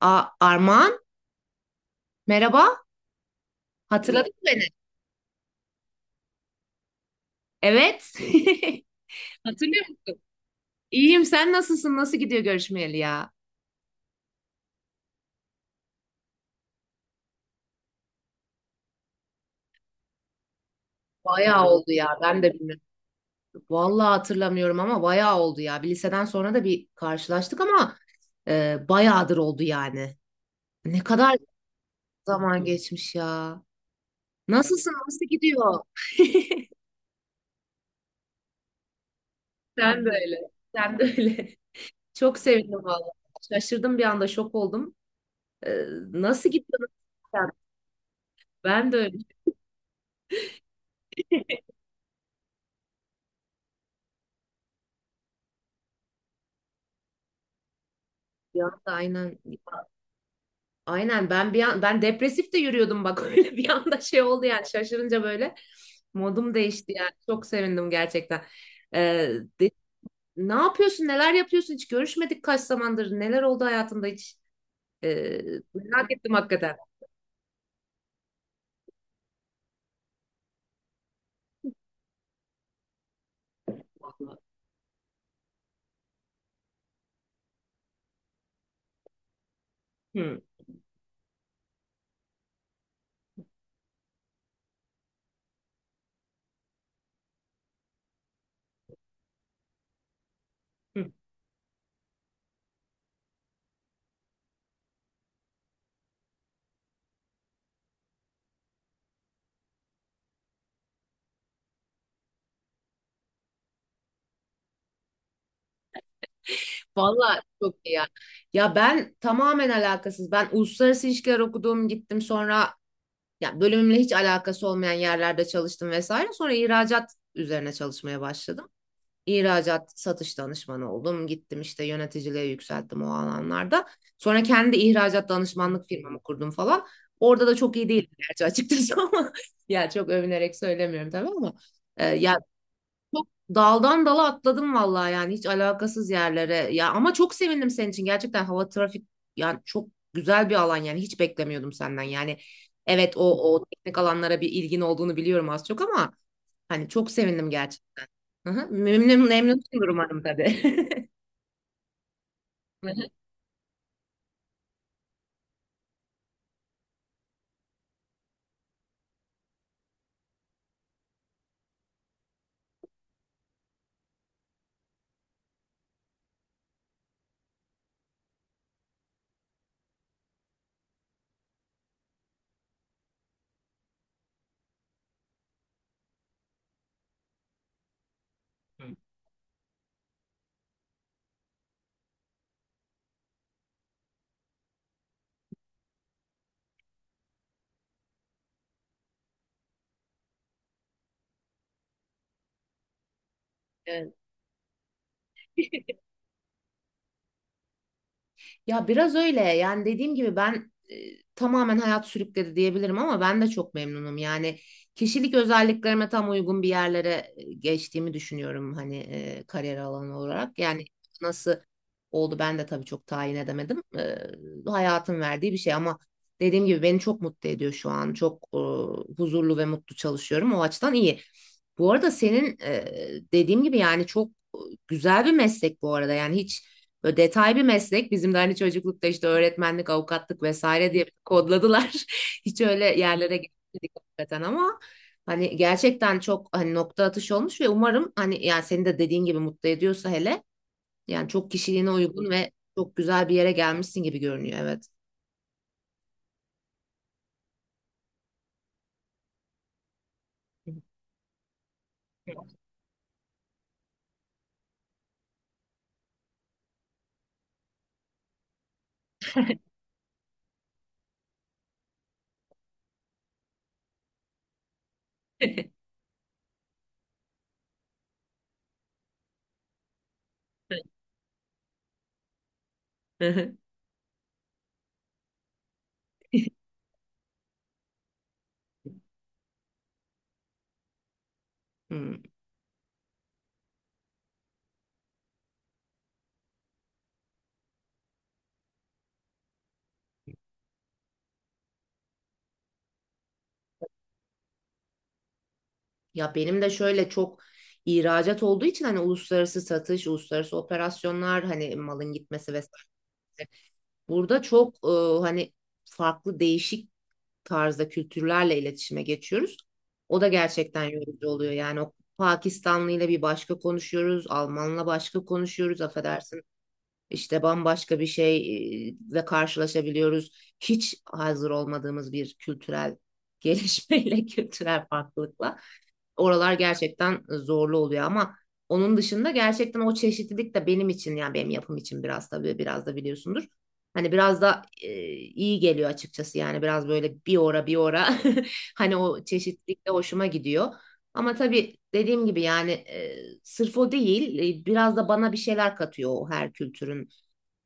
A Armağan, merhaba. Hatırladın mı beni? Evet. Hatırlıyor musun? İyiyim. Sen nasılsın? Nasıl gidiyor görüşmeyeli ya? Bayağı oldu ya. Ben de bilmiyorum. Vallahi hatırlamıyorum ama bayağı oldu ya. Bir liseden sonra da bir karşılaştık ama bayağıdır oldu yani. Ne kadar zaman geçmiş ya. Nasılsın? Nasıl gidiyor? Sen de öyle. Sen de öyle. Çok sevindim vallahi. Şaşırdım bir anda. Şok oldum. E, nasıl gidiyor? Nasıl gidiyor? Ben de öyle. Bir anda aynen, ben bir an ben depresif de yürüyordum bak. Öyle bir anda şey oldu yani şaşırınca böyle modum değişti yani çok sevindim gerçekten. Ee, de- Ne yapıyorsun, neler yapıyorsun, hiç görüşmedik kaç zamandır, neler oldu hayatında hiç? Ee, Merak ettim hakikaten. Hı, hı. Vallahi çok iyi ya. Ya ben tamamen alakasız. Ben uluslararası ilişkiler okudum, gittim sonra ya bölümümle hiç alakası olmayan yerlerde çalıştım vesaire. Sonra ihracat üzerine çalışmaya başladım. İhracat satış danışmanı oldum. Gittim işte yöneticiliğe yükselttim o alanlarda. Sonra kendi ihracat danışmanlık firmamı kurdum falan. Orada da çok iyi değildi gerçi açıkçası ama ya çok övünerek söylemiyorum tabii ama e, ya çok daldan dala atladım vallahi yani hiç alakasız yerlere. Ya ama çok sevindim senin için. Gerçekten hava trafik yani çok güzel bir alan yani hiç beklemiyordum senden. Yani evet, o teknik alanlara bir ilgin olduğunu biliyorum az çok ama hani çok sevindim gerçekten. Hı hı. Memnunsundur umarım tabii. Hı hı. Evet. Ya biraz öyle. Yani dediğim gibi ben tamamen hayat sürükledi diyebilirim ama ben de çok memnunum. Yani kişilik özelliklerime tam uygun bir yerlere geçtiğimi düşünüyorum hani kariyer alanı olarak. Yani nasıl oldu ben de tabii çok tayin edemedim. Hayatın verdiği bir şey ama dediğim gibi beni çok mutlu ediyor şu an. Çok huzurlu ve mutlu çalışıyorum. O açıdan iyi. Bu arada senin dediğim gibi yani çok güzel bir meslek bu arada. Yani hiç böyle detay bir meslek. Bizim de hani çocuklukta işte öğretmenlik, avukatlık vesaire diye kodladılar. Hiç öyle yerlere gitmedik hakikaten ama hani gerçekten çok hani nokta atışı olmuş ve umarım hani yani senin de dediğin gibi mutlu ediyorsa hele yani çok kişiliğine uygun ve çok güzel bir yere gelmişsin gibi görünüyor, evet. Hmm. Ya benim de şöyle çok ihracat olduğu için hani uluslararası satış, uluslararası operasyonlar hani malın gitmesi vesaire. Burada çok hani farklı değişik tarzda kültürlerle iletişime geçiyoruz. O da gerçekten yorucu oluyor. Yani o Pakistanlı ile bir başka konuşuyoruz, Almanla başka konuşuyoruz, affedersin işte bambaşka bir şeyle karşılaşabiliyoruz. Hiç hazır olmadığımız bir kültürel gelişmeyle, kültürel farklılıkla. Oralar gerçekten zorlu oluyor ama onun dışında gerçekten o çeşitlilik de benim için yani benim yapım için biraz tabii biraz da biliyorsundur. Hani biraz da iyi geliyor açıkçası yani biraz böyle bir ora bir ora hani o çeşitlilik de hoşuma gidiyor. Ama tabii dediğim gibi yani sırf o değil, biraz da bana bir şeyler katıyor o her kültürün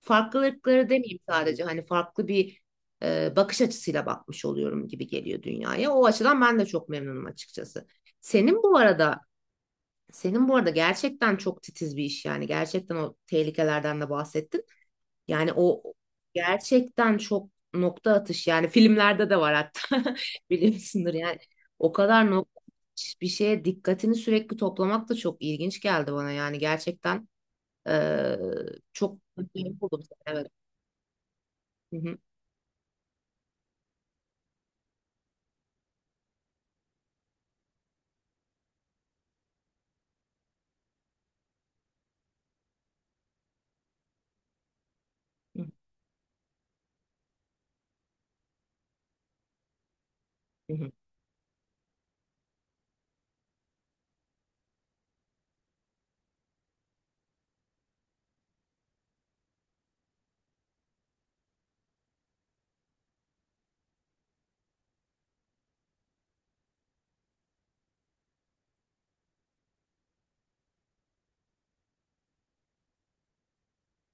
farklılıkları demeyeyim sadece hani farklı bir bakış açısıyla bakmış oluyorum gibi geliyor dünyaya. O açıdan ben de çok memnunum açıkçası. Senin bu arada senin bu arada gerçekten çok titiz bir iş, yani gerçekten o tehlikelerden de bahsettin. Yani o gerçekten çok nokta atış, yani filmlerde de var hatta, biliyorsundur yani. O kadar nokta atış bir şeye dikkatini sürekli toplamak da çok ilginç geldi bana, yani gerçekten e, çok mutlu oldum. Evet. Hı hı. Hı hı.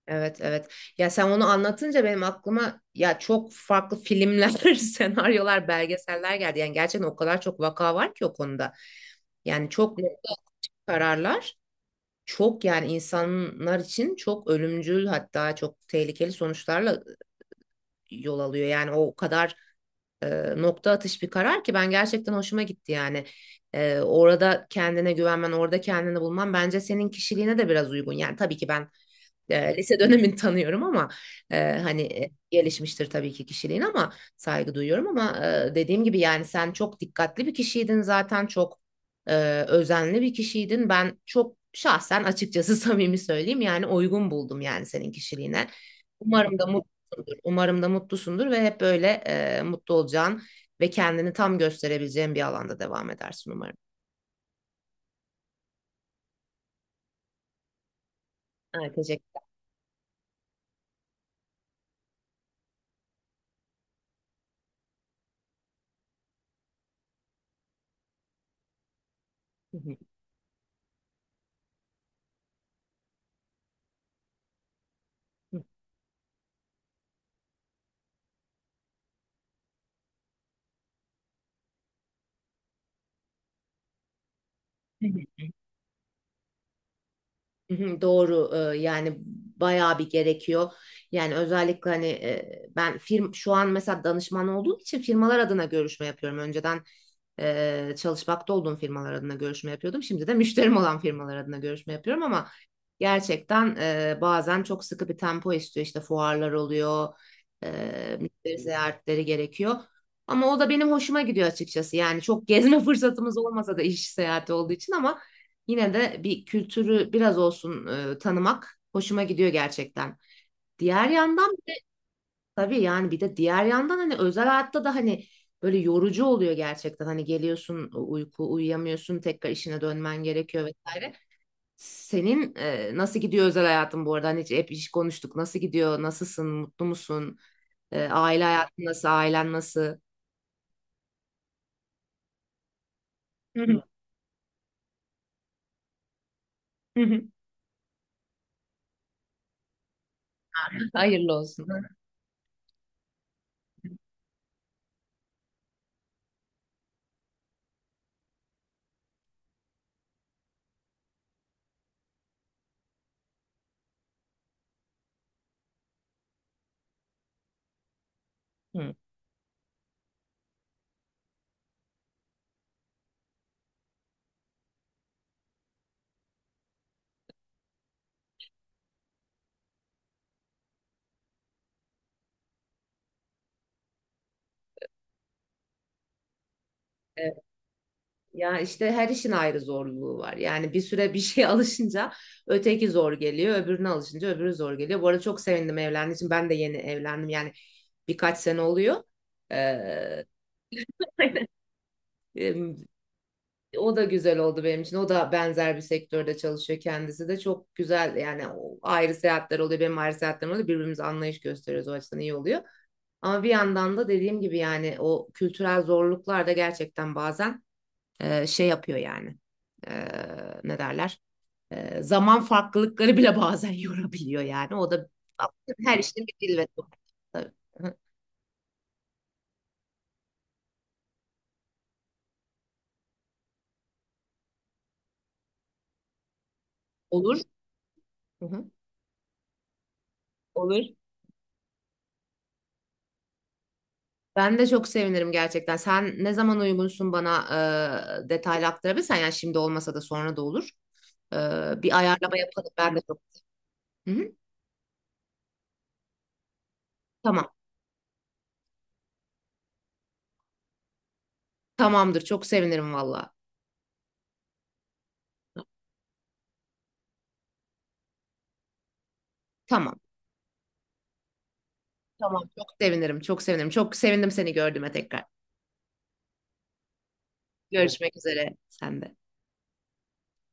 Evet evet. Ya sen onu anlatınca benim aklıma ya çok farklı filmler, senaryolar, belgeseller geldi. Yani gerçekten o kadar çok vaka var ki o konuda. Yani çok nokta kararlar, çok yani insanlar için çok ölümcül hatta çok tehlikeli sonuçlarla yol alıyor. Yani o kadar nokta atış bir karar ki ben gerçekten hoşuma gitti yani. Orada kendine güvenmen, orada kendini bulman bence senin kişiliğine de biraz uygun. Yani tabii ki ben lise dönemini tanıyorum ama gelişmiştir tabii ki kişiliğin ama saygı duyuyorum ama dediğim gibi yani sen çok dikkatli bir kişiydin zaten, çok e, özenli bir kişiydin. Ben çok şahsen açıkçası samimi söyleyeyim yani uygun buldum yani senin kişiliğine. Umarım da mutlusundur. Umarım da mutlusundur ve hep böyle mutlu olacağın ve kendini tam gösterebileceğin bir alanda devam edersin umarım. Evet, teşekkürler. Hı hı. Hı. Hı hı, doğru. Yani bayağı bir gerekiyor. Yani özellikle hani e, ben firm şu an mesela danışman olduğum için firmalar adına görüşme yapıyorum. Önceden çalışmakta olduğum firmalar adına görüşme yapıyordum. Şimdi de müşterim olan firmalar adına görüşme yapıyorum ama gerçekten bazen çok sıkı bir tempo istiyor. İşte fuarlar oluyor, müşteri ziyaretleri gerekiyor. Ama o da benim hoşuma gidiyor açıkçası. Yani çok gezme fırsatımız olmasa da iş seyahati olduğu için ama yine de bir kültürü biraz olsun tanımak hoşuma gidiyor gerçekten. Diğer yandan tabii yani bir de diğer yandan hani özel hayatta da hani böyle yorucu oluyor gerçekten. Hani geliyorsun uyku uyuyamıyorsun tekrar işine dönmen gerekiyor vesaire. Senin nasıl gidiyor özel hayatın bu arada? Hani hiç, hep iş konuştuk. Nasıl gidiyor? Nasılsın? Mutlu musun? Aile hayatın nasıl? Ailen nasıl? Hı hı, hı hı. Hayırlı olsun. Hı. Ya işte her işin ayrı zorluğu var. Yani bir süre bir şeye alışınca öteki zor geliyor, öbürüne alışınca öbürü zor geliyor. Bu arada çok sevindim evlendiğim için. Ben de yeni evlendim. Yani birkaç sene oluyor. Ee, em, O da güzel oldu benim için. O da benzer bir sektörde çalışıyor kendisi de. Çok güzel yani o ayrı seyahatler oluyor. Benim ayrı seyahatlerim oluyor. Birbirimize anlayış gösteriyoruz. O açıdan iyi oluyor. Ama bir yandan da dediğim gibi yani o kültürel zorluklar da gerçekten bazen şey yapıyor yani. E, Ne derler? Zaman farklılıkları bile bazen yorabiliyor yani. O da her işin bir dil ve tabii. Hı hı. Olur. Hı hı. Olur. Ben de çok sevinirim gerçekten. Sen ne zaman uygunsun bana detaylı aktarabilirsen yani şimdi olmasa da sonra da olur. E, Bir ayarlama yapalım. Ben de çok. Hı hı. Tamam. Tamamdır. Çok sevinirim valla. Tamam. Tamam. Çok sevinirim. Çok sevinirim. Çok sevindim seni gördüğüme tekrar. Görüşmek üzere. Sen de.